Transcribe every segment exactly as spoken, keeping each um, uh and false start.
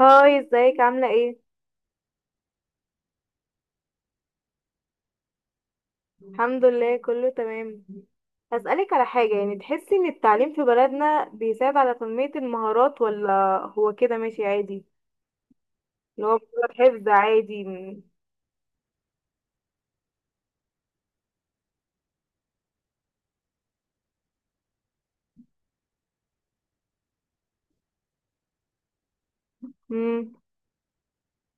هاي، ازيك؟ عاملة ايه؟ الحمد لله، كله تمام. هسألك على حاجة، يعني تحسي ان التعليم في بلدنا بيساعد على تنمية المهارات، ولا هو كده ماشي عادي؟ اللي هو مجرد حفظ عادي. مم.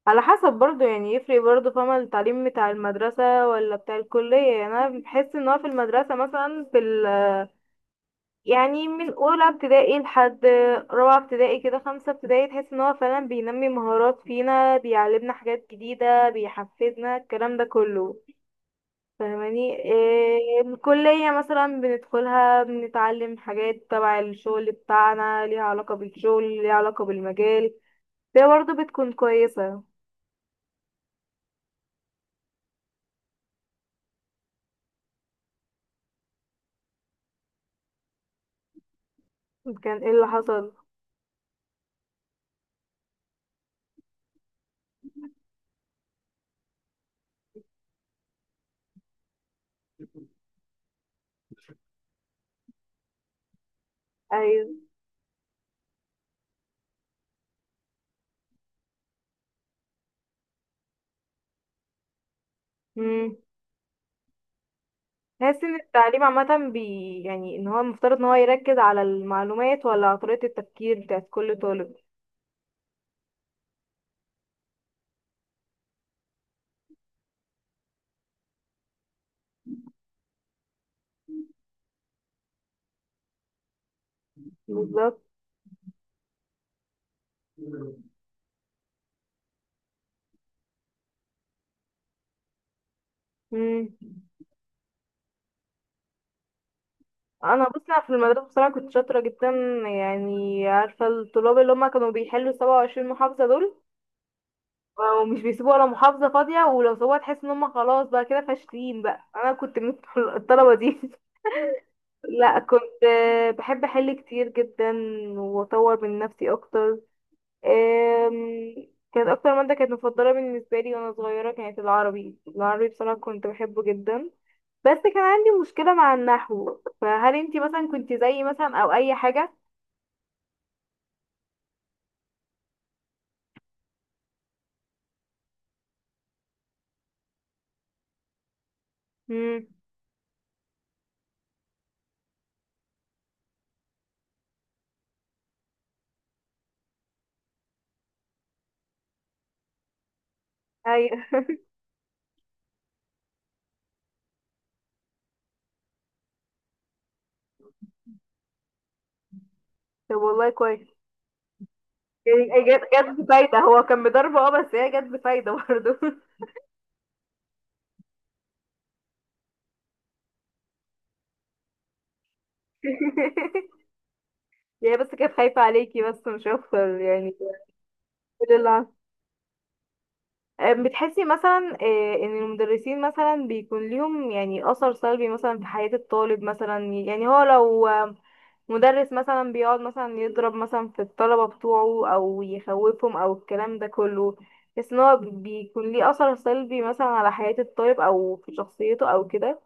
على حسب برضو، يعني يفرق برضو، فاهمة؟ التعليم بتاع المدرسة ولا بتاع الكلية؟ يعني انا بحس ان هو في المدرسة مثلا، في، يعني من اولى ابتدائي لحد رابعه ابتدائي كده، خمسه ابتدائي، تحس ان هو فعلا بينمي مهارات فينا، بيعلمنا حاجات جديده، بيحفزنا، الكلام ده كله. فاهماني إيه؟ الكليه مثلا بندخلها، بنتعلم حاجات تبع الشغل بتاعنا، ليها علاقه بالشغل، ليها علاقه بالمجال، فهي برضه بتكون كويسه. كان ايه اللي حصل؟ ايوه. امم. تحس ان التعليم عامة بي يعني ان هو المفترض ان هو يركز على المعلومات ولا على طريقة التفكير بتاعت كل طالب؟ بالظبط. مم. انا بص، أنا في المدرسه بصراحه كنت شاطره جدا، يعني عارفه الطلاب اللي هم كانوا بيحلوا سبع وعشرين محافظه دول ومش بيسيبوا ولا محافظه فاضيه، ولو سووها تحس ان هم خلاص بقى كده فاشلين. بقى انا كنت من الطلبه دي. لا، كنت، آه، بحب احل كتير جدا واطور من نفسي اكتر. آم، كانت اكتر ماده كانت مفضله بالنسبه لي وانا صغيره كانت العربي. العربي بصراحه كنت بحبه جدا، بس كان عندي مشكلة مع النحو. فهل انتي مثلا كنتي زيي مثلا او اي حاجة؟ امم. ايوه. طب والله كويس. يعني جت جت بفايدة. هو كان بضربه، اه، بس هي جت بفايدة برضه. يعني بس كانت خايفة عليكي، بس مش اكتر يعني. كل اللي حصل. أم، بتحسي مثلا، آه، ان المدرسين مثلا بيكون ليهم يعني اثر سلبي مثلا في حياة الطالب مثلا؟ يعني هو لو مدرس مثلا بيقعد مثلا يضرب مثلا في الطلبة بتوعه، او يخوفهم، او الكلام ده كله، بس ان هو بيكون ليه اثر سلبي مثلا على حياة الطالب او في شخصيته او كده.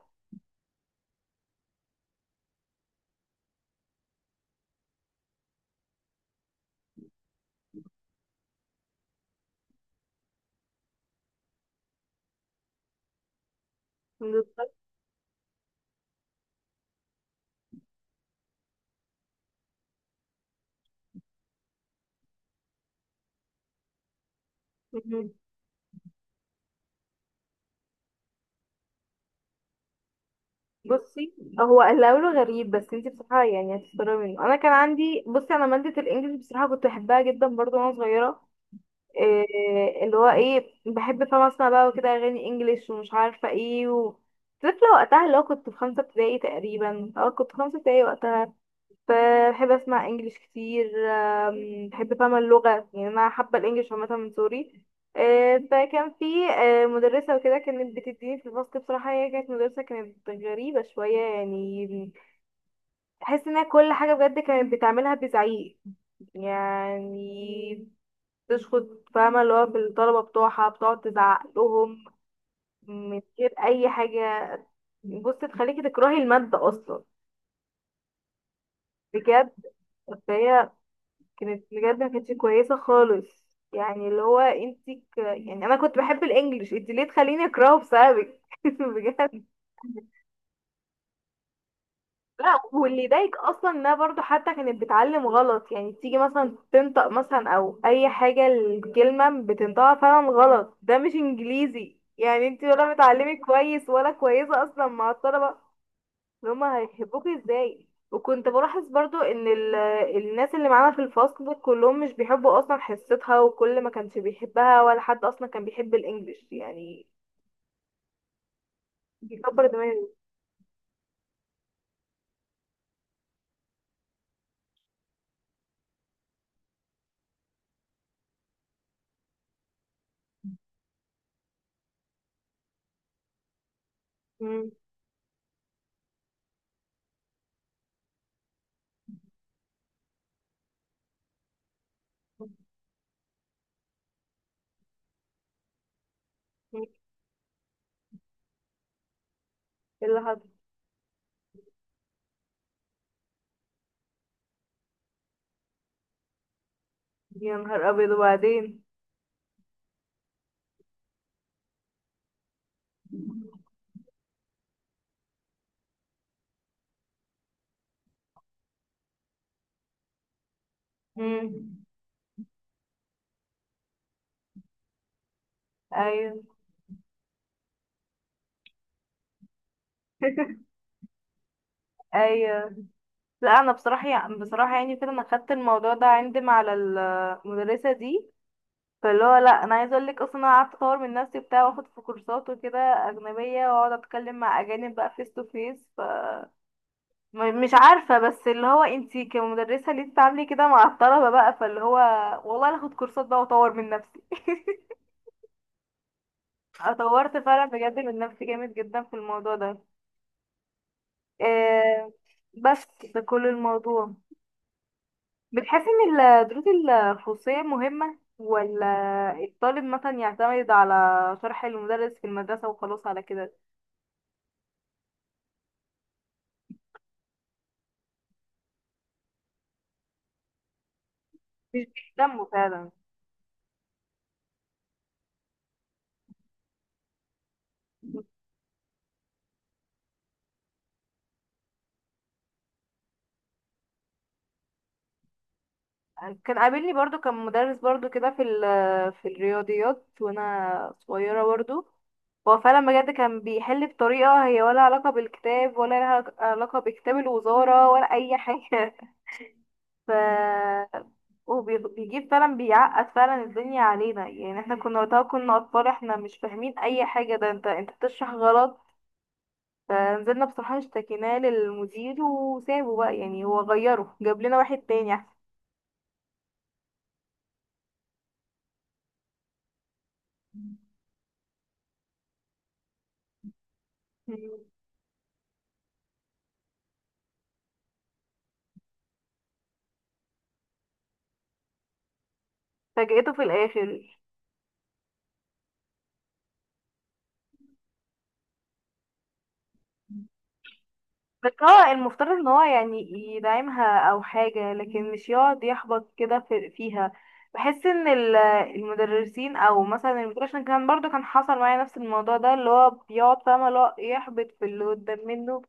مم. بصي، هو اللي هقوله غريب بس انتي بصراحة يعني هتستغربي منه. انا كان عندي، بصي، انا مادة الانجليش بصراحة كنت بحبها جدا برضو وانا صغيرة. إيه اللي هو، ايه، بحب فاهمة اسمع بقى وكده اغاني انجليش ومش عارفة ايه و... طفلة وقتها، اللي هو كنت في خمسة ابتدائي تقريبا، اه كنت في خمسة ابتدائي وقتها. بحب اسمع انجليش كتير. آم، بحب فاهمة اللغة، يعني انا حابة الانجليش عامة من سوري. آه، فكان في، آه، مدرسة وكده كانت بتديني في الفصل. بصراحة هي كانت مدرسة كانت غريبة شوية، يعني تحس انها كل حاجة بجد كانت بتعملها بزعيق، يعني تشخط، فاهمة؟ اللي هو في الطلبة بتوعها بتقعد تزعق لهم من غير أي حاجة. بص، تخليكي تكرهي المادة أصلا. بجد. فهي كانت بجد ما كانتش كويسه خالص. يعني اللي هو انت ك... يعني انا كنت بحب الانجليش، انت ليه تخليني اكرهه بسببك؟ بجد. لا، واللي يضايق اصلا انها برضو حتى كانت بتعلم غلط. يعني تيجي مثلا تنطق مثلا او اي حاجه الكلمه بتنطقها فعلا غلط، ده مش انجليزي. يعني انت ولا بتعلمي كويس ولا كويسه اصلا مع الطلبه ان هما هيحبوكي ازاي؟ وكنت بلاحظ برضو ان ال- الناس اللي معانا في الفصل كلهم مش بيحبوا اصلا حصتها، وكل ما كانش بيحبها، ولا حد اصلا كان بيحب الانجليش يعني. بيكبر دماغي. مم. مم. ايه اللي حصل؟ يا نهار ابيض، وبعدين؟ مم. ايوه. ايوه. لا انا بصراحه يعني، بصراحه يعني كده انا خدت الموضوع ده عندي مع ال- المدرسه دي. فاللي هو لا، انا عايزه اقول لك اصلا انا قعدت اطور من نفسي، بتاع واخد في كورسات وكده اجنبيه، واقعد اتكلم مع اجانب بقى فيس تو فيس. ف، م- مش عارفه، بس اللي هو انتي كمدرسه ليه بتتعاملي كده مع الطلبه بقى؟ فاللي هو والله أنا اخد كورسات بقى واطور من نفسي. اتطورت فعلا بجد من نفسي جامد جدا في الموضوع ده. إيه. بس. ده كل الموضوع. بتحسي ان الدروس الخصوصيه مهمه، ولا الطالب مثلا يعتمد على شرح المدرس في المدرسه وخلاص على كده؟ مش بيهتموا فعلا. كان قابلني برضو كان مدرس برضو كده في ال- في الرياضيات وانا صغيرة برضو. هو فعلا بجد كان بيحل بطريقة هي ولا علاقة بالكتاب ولا لها علاقة بكتاب الوزارة ولا أي حاجة. ف، وبيجيب فعلا، بيعقد فعلا الدنيا علينا. يعني احنا كنا وقتها كنا أطفال، احنا مش فاهمين أي حاجة، ده انت انت بتشرح غلط. فنزلنا بصراحة اشتكيناه للمدير وسابه بقى، يعني هو غيره، جاب لنا واحد تاني أحسن. مم. فاجأته في الآخر. بس هو المفترض ان هو يعني يدعمها او حاجة، لكن مش يقعد يحبط كده في فيها. بحس ان ال- المدرسين او مثلا المدير، عشان كان برضو كان حصل معايا نفس الموضوع ده، اللي هو بيقعد فاهمة اللي هو يحبط في اللي قدام منه،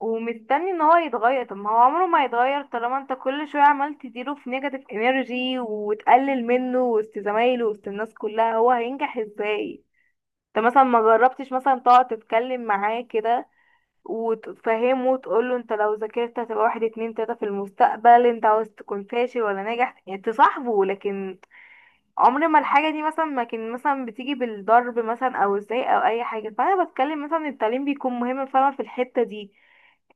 ومستني ان هو يتغير. طب ما هو عمره ما يتغير طالما انت كل شوية عمال تديله في نيجاتيف انرجي، وتقلل منه وسط زمايله وسط الناس كلها، هو هينجح ازاي؟ انت مثلا ما جربتش مثلا تقعد تتكلم معاه كده وتفهمه وتقول له انت لو ذاكرت هتبقى واحد اتنين تلاتة في المستقبل، انت عاوز تكون فاشل ولا ناجح؟ يعني تصاحبه. لكن عمر ما الحاجة دي مثلا ما كان مثلا بتيجي بالضرب مثلا او ازاي او اي حاجة. فانا بتكلم مثلا التعليم بيكون مهم فعلا في الحتة دي،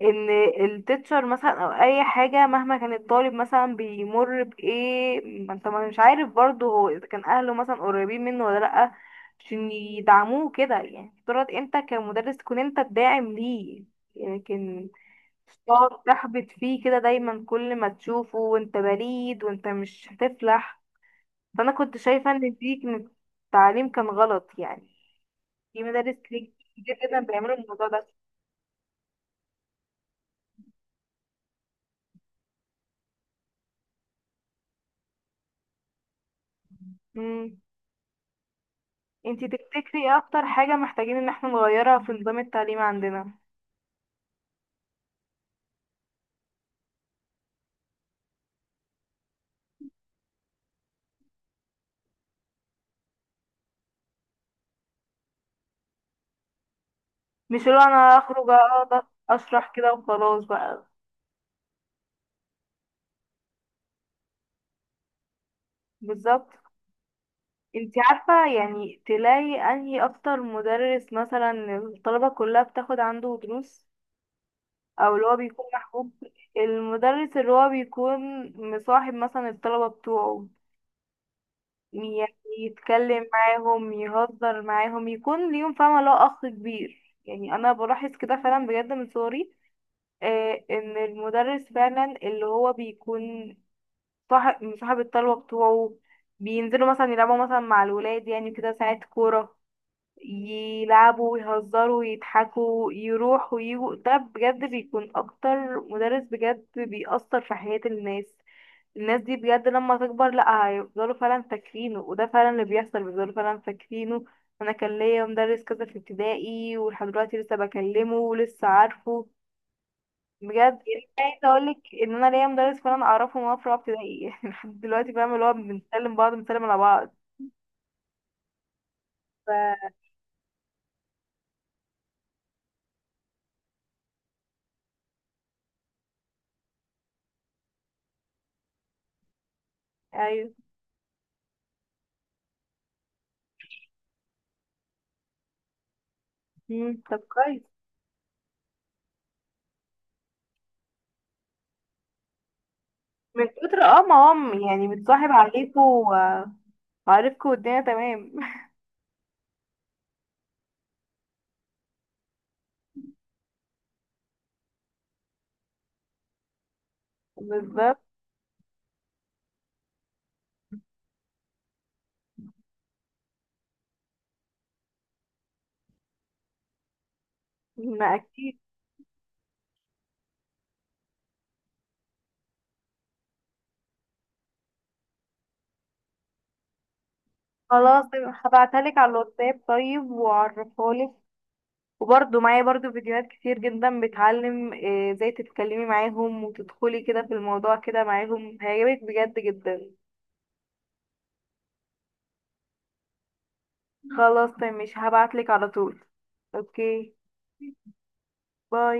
ان التيتشر مثلا او اي حاجه مهما كان الطالب مثلا بيمر بايه، ما انت ما مش عارف برضه هو اذا كان اهله مثلا قريبين منه ولا لا، عشان يدعموه كده. يعني افترض انت كمدرس تكون انت الداعم ليه، لكن مش تقعد تحبط فيه كده دايما كل ما تشوفه، وانت بليد وانت مش هتفلح. فانا كنت شايفه ان دي كانت- التعليم كان غلط يعني. في مدارس كتير كتير جدا بيعملوا الموضوع ده. انتي تفتكري ايه اكتر حاجة محتاجين ان احنا نغيرها في نظام التعليم عندنا؟ مش اللي هو انا اخرج اقعد اشرح كده وخلاص بقى. بالظبط. انتي عارفة يعني تلاقي انهي اكتر مدرس مثلا الطلبة كلها بتاخد عنده دروس، او اللي هو بيكون محبوب؟ المدرس اللي هو بيكون مصاحب مثلا الطلبة بتوعه، يعني يتكلم معاهم، يهزر معاهم، يكون ليهم فاهمة لو اخ كبير. يعني انا بلاحظ كده فعلا بجد من صغري، آه، ان المدرس فعلا اللي هو بيكون صاحب مصاحب الطلبة بتوعه، بينزلوا مثلا يلعبوا مثلا مع الولاد يعني كده ساعات كورة، يلعبوا ويهزروا ويضحكوا، يروحوا ويجوا، ده بجد بيكون اكتر مدرس بجد بيأثر في حياة الناس. الناس دي بجد لما تكبر لا هيفضلوا فعلا فاكرينه، وده فعلا اللي بيحصل، بيفضلوا فعلا فاكرينه. انا كان ليا مدرس كذا في ابتدائي ولحد دلوقتي لسه بكلمه ولسه عارفه. بجد، يعني عايزه اقول لك ان انا ليا مدرس كنا نعرفه من وانا في رابعه ابتدائي، يعني لحد دلوقتي، فاهم؟ اللي هو بنسلم بعض، بنسلم على بعض. ف، ايوه. مم. طب كويس. من كتر، اه، ما هم يعني بتصاحب عليكوا و- وعارفكوا والدنيا تمام. بالظبط. ما اكيد. خلاص هبعتها لك على الواتساب طيب، وعرفها لك، وبرضه معايا برضه فيديوهات كتير جدا بتعلم، آه، ازاي تتكلمي معاهم وتدخلي كده في الموضوع كده معاهم. هيعجبك بجد جدا. خلاص طيب، ماشي، هبعتلك على طول. اوكي. باي.